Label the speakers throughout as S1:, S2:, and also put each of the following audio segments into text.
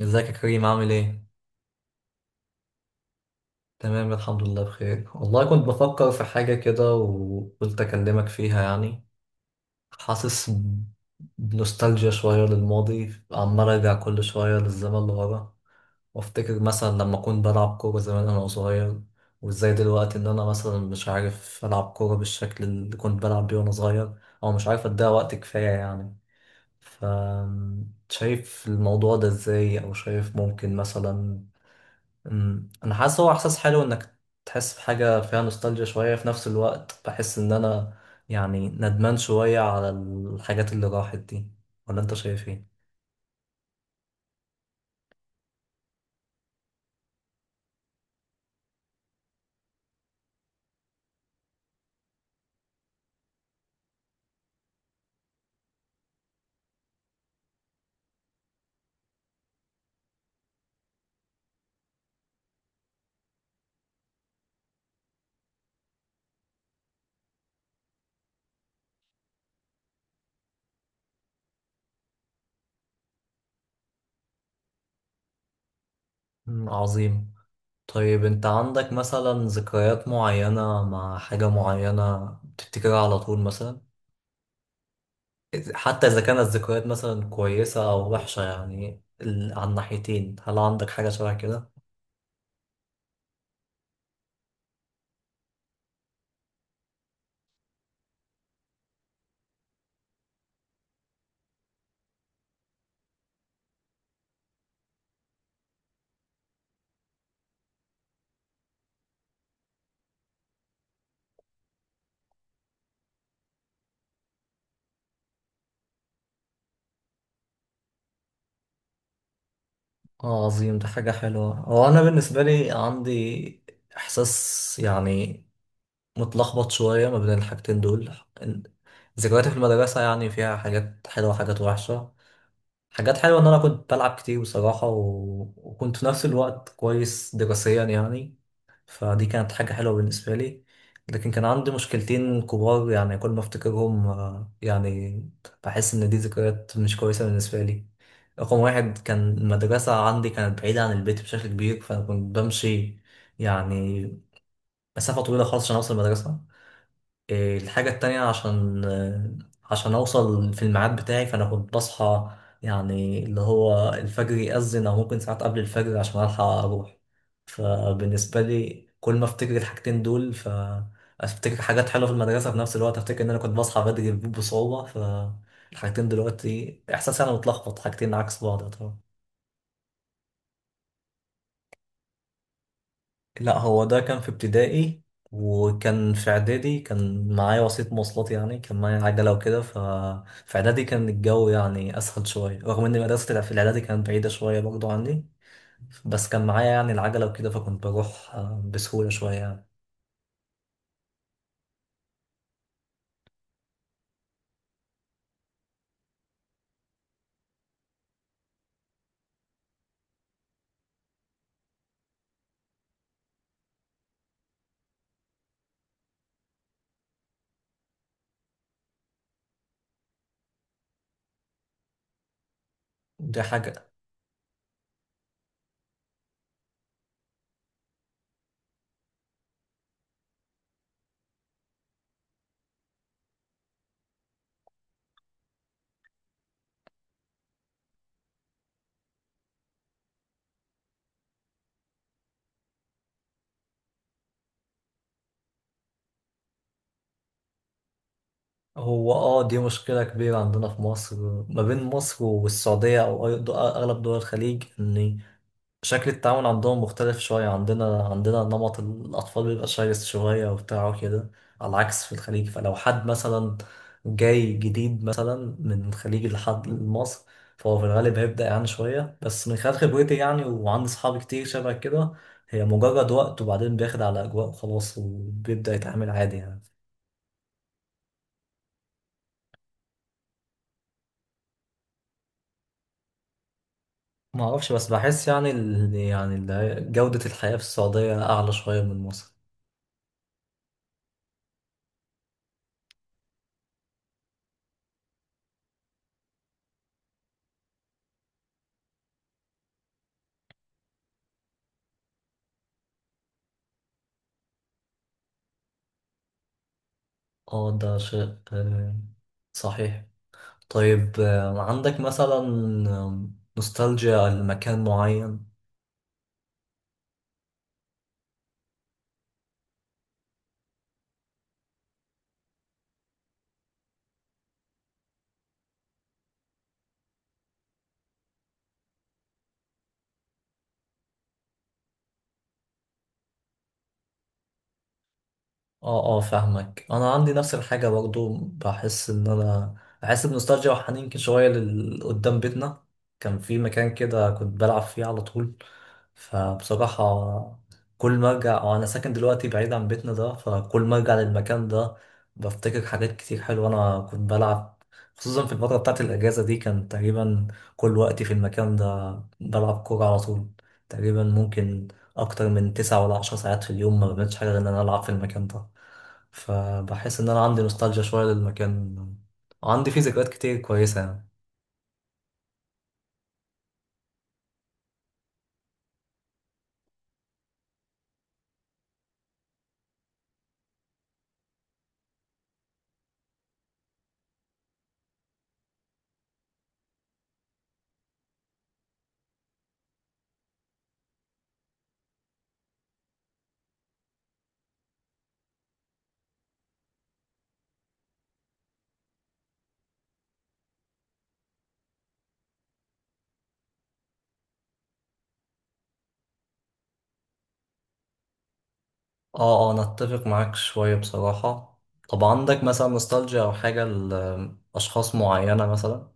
S1: ازيك يا كريم، عامل ايه؟ تمام الحمد لله بخير، والله كنت بفكر في حاجة كده وقلت أكلمك فيها يعني. حاسس بنوستالجيا شوية للماضي، عمال أرجع كل شوية للزمن اللي ورا، وأفتكر مثلا لما كنت بلعب كورة زمان أنا صغير، وإزاي دلوقتي إن أنا مثلا مش عارف ألعب كورة بالشكل اللي كنت بلعب بيه وأنا صغير، أو مش عارف أديها وقت كفاية يعني. ف شايف الموضوع ده إزاي؟ أو شايف ممكن مثلا؟ انا حاسس، هو احساس حلو انك تحس بحاجه فيها نوستالجيا شويه، في نفس الوقت بحس ان انا يعني ندمان شويه على الحاجات اللي راحت دي، ولا انت شايف ايه؟ أمم، عظيم. طيب انت عندك مثلا ذكريات معينه مع حاجه معينه بتفتكرها على طول مثلا؟ حتى اذا كانت ذكريات مثلا كويسه او وحشه، يعني على الناحيتين، هل عندك حاجه شبه كده؟ اه عظيم، ده حاجة حلوة. هو أنا بالنسبة لي عندي إحساس يعني متلخبط شوية ما بين الحاجتين دول. إن- ذكرياتي في المدرسة يعني فيها حاجات حلوة وحاجات وحشة. حاجات حلوة إن أنا كنت بلعب كتير بصراحة، و... وكنت في نفس الوقت كويس دراسيا يعني، فدي كانت حاجة حلوة بالنسبة لي. لكن كان عندي مشكلتين كبار يعني، كل ما أفتكرهم يعني بحس إن دي ذكريات مش كويسة بالنسبة لي. رقم واحد، كان المدرسة عندي كانت بعيدة عن البيت بشكل كبير، فأنا كنت بمشي يعني مسافة طويلة خالص عشان أوصل المدرسة. إيه، الحاجة التانية، عشان عشان أوصل في الميعاد بتاعي فأنا كنت بصحى يعني اللي هو الفجر يأذن، أو ممكن ساعات قبل الفجر عشان ألحق أروح. فبالنسبة لي، كل ما أفتكر الحاجتين دول فأفتكر حاجات حلوة في المدرسة، في نفس الوقت أفتكر إن أنا كنت بصحى بدري بصعوبة، فالحاجتين دلوقتي إحساسي أنا متلخبط، حاجتين عكس بعض طبعا. لا، هو ده كان في ابتدائي. وكان في اعدادي كان معايا وسيط مواصلات، يعني كان معايا عجله وكده، ففي اعدادي كان الجو يعني اسهل شويه، رغم ان المدرسه اللي في الاعدادي كانت بعيده شويه برضو عني، بس كان معايا يعني العجله وكده، فكنت بروح بسهوله شويه يعني. دي حاجه. هو اه، دي مشكله كبيره عندنا في مصر، ما بين مصر والسعوديه، او اغلب دول الخليج، ان شكل التعامل عندهم مختلف شوية عندنا نمط الأطفال بيبقى شرس شوية وبتاع كده، على العكس في الخليج. فلو حد مثلا جاي جديد مثلا من الخليج لحد لمصر، فهو في الغالب هيبدأ يعني شوية، بس من خلال خبرتي يعني، وعندي صحابي كتير شبه كده، هي مجرد وقت وبعدين بياخد على أجواء وخلاص وبيبدأ يتعامل عادي يعني. ما أعرفش، بس بحس يعني جودة الحياة في السعودية أعلى شوية من مصر. اه ده شيء صحيح. طيب عندك مثلا آه، نوستالجيا لمكان معين؟ اه اه، فاهمك. انا عندي نفس الحاجه برضو، بحس ان انا بحس بنوستالجيا وحنين كده شويه قدام بيتنا كان في مكان كده كنت بلعب فيه على طول. فبصراحه كل ما ارجع، وانا ساكن دلوقتي بعيد عن بيتنا ده، فكل ما ارجع للمكان ده بفتكر حاجات كتير حلوه انا كنت بلعب. خصوصا في الفتره بتاعت الاجازه دي كان تقريبا كل وقتي في المكان ده، بلعب كوره على طول، تقريبا ممكن اكتر من 9 ولا 10 ساعات في اليوم ما بعملش حاجه غير ان انا العب في المكان ده. فبحس ان انا عندي نوستالجيا شويه للمكان، وعندي فيه ذكريات كتير كويسه يعني. اه اه، انا اتفق معاك شويه بصراحه. طب عندك مثلا نوستالجيا او حاجه لاشخاص معينه مثلا؟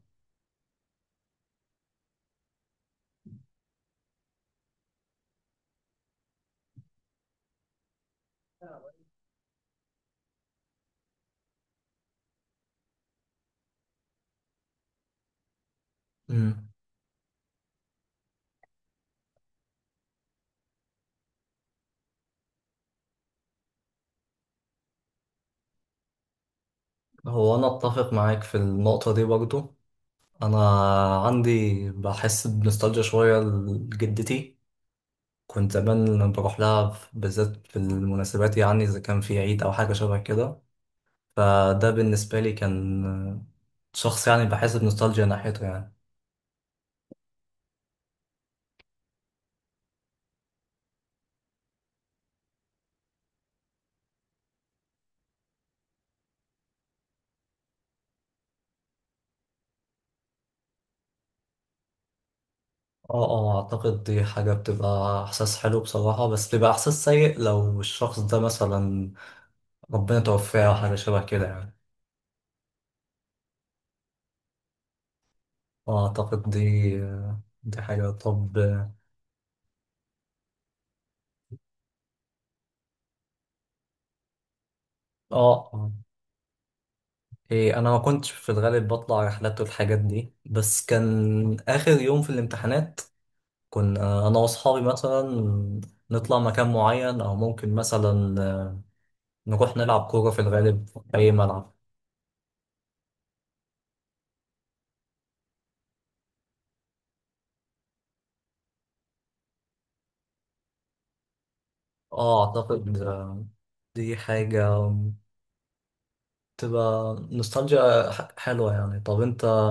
S1: امم. هو انا اتفق معاك في النقطه دي برضو. انا عندي بحس بنوستالجيا شويه لجدتي، كنت زمان لما بروح لها بالذات في المناسبات، يعني اذا كان في عيد او حاجه شبه كده، فده بالنسبة لي كان شخص يعني بحس بنوستالجيا ناحيته يعني. اه اه، اعتقد دي حاجة بتبقى احساس حلو بصراحة، بس بيبقى احساس سيء لو الشخص ده مثلا ربنا توفاه او حاجة شبه كده يعني. اه اعتقد دي حاجة. طب، اه آه. إيه، انا ما كنتش في الغالب بطلع رحلات والحاجات دي، بس كان اخر يوم في الامتحانات كنا انا واصحابي مثلا نطلع مكان معين، او ممكن مثلا نروح نلعب كورة في الغالب في أي ملعب. اه أعتقد دي حاجة تبقى نوستالجيا حلوة يعني. طب أنت،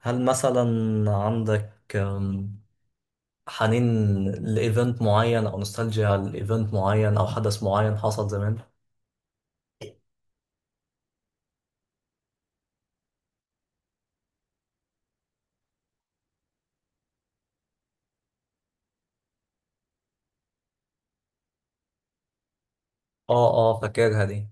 S1: هل مثلا عندك حنين لإيفنت معين، أو نوستالجيا لإيفنت معين، أو حدث معين حصل زمان؟ اه اه، فاكرها دي.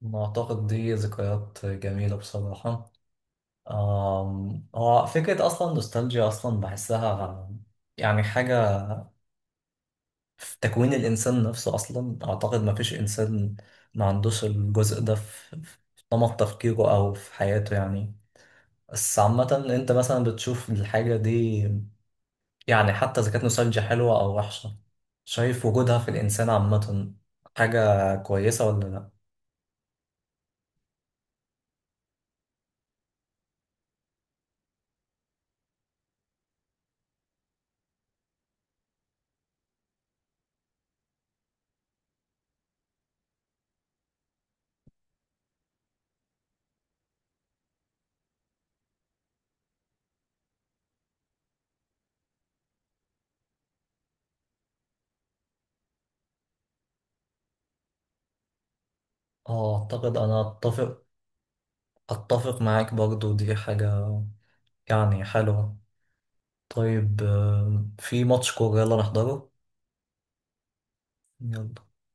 S1: ما أعتقد دي ذكريات جميلة بصراحة. هو فكرة أصلا نوستالجيا أصلا بحسها يعني حاجة في تكوين الإنسان نفسه أصلا، أعتقد ما فيش إنسان ما عندوش الجزء ده في نمط تفكيره أو في حياته يعني. بس عامة أنت مثلا بتشوف الحاجة دي، يعني حتى إذا كانت نوستالجيا حلوة أو وحشة، شايف وجودها في الإنسان عامة حاجة كويسة ولا لأ؟ أعتقد أنا أتفق معاك برضو، دي حاجة يعني حلوة. طيب في ماتش كورة، يلا نحضره. يلا.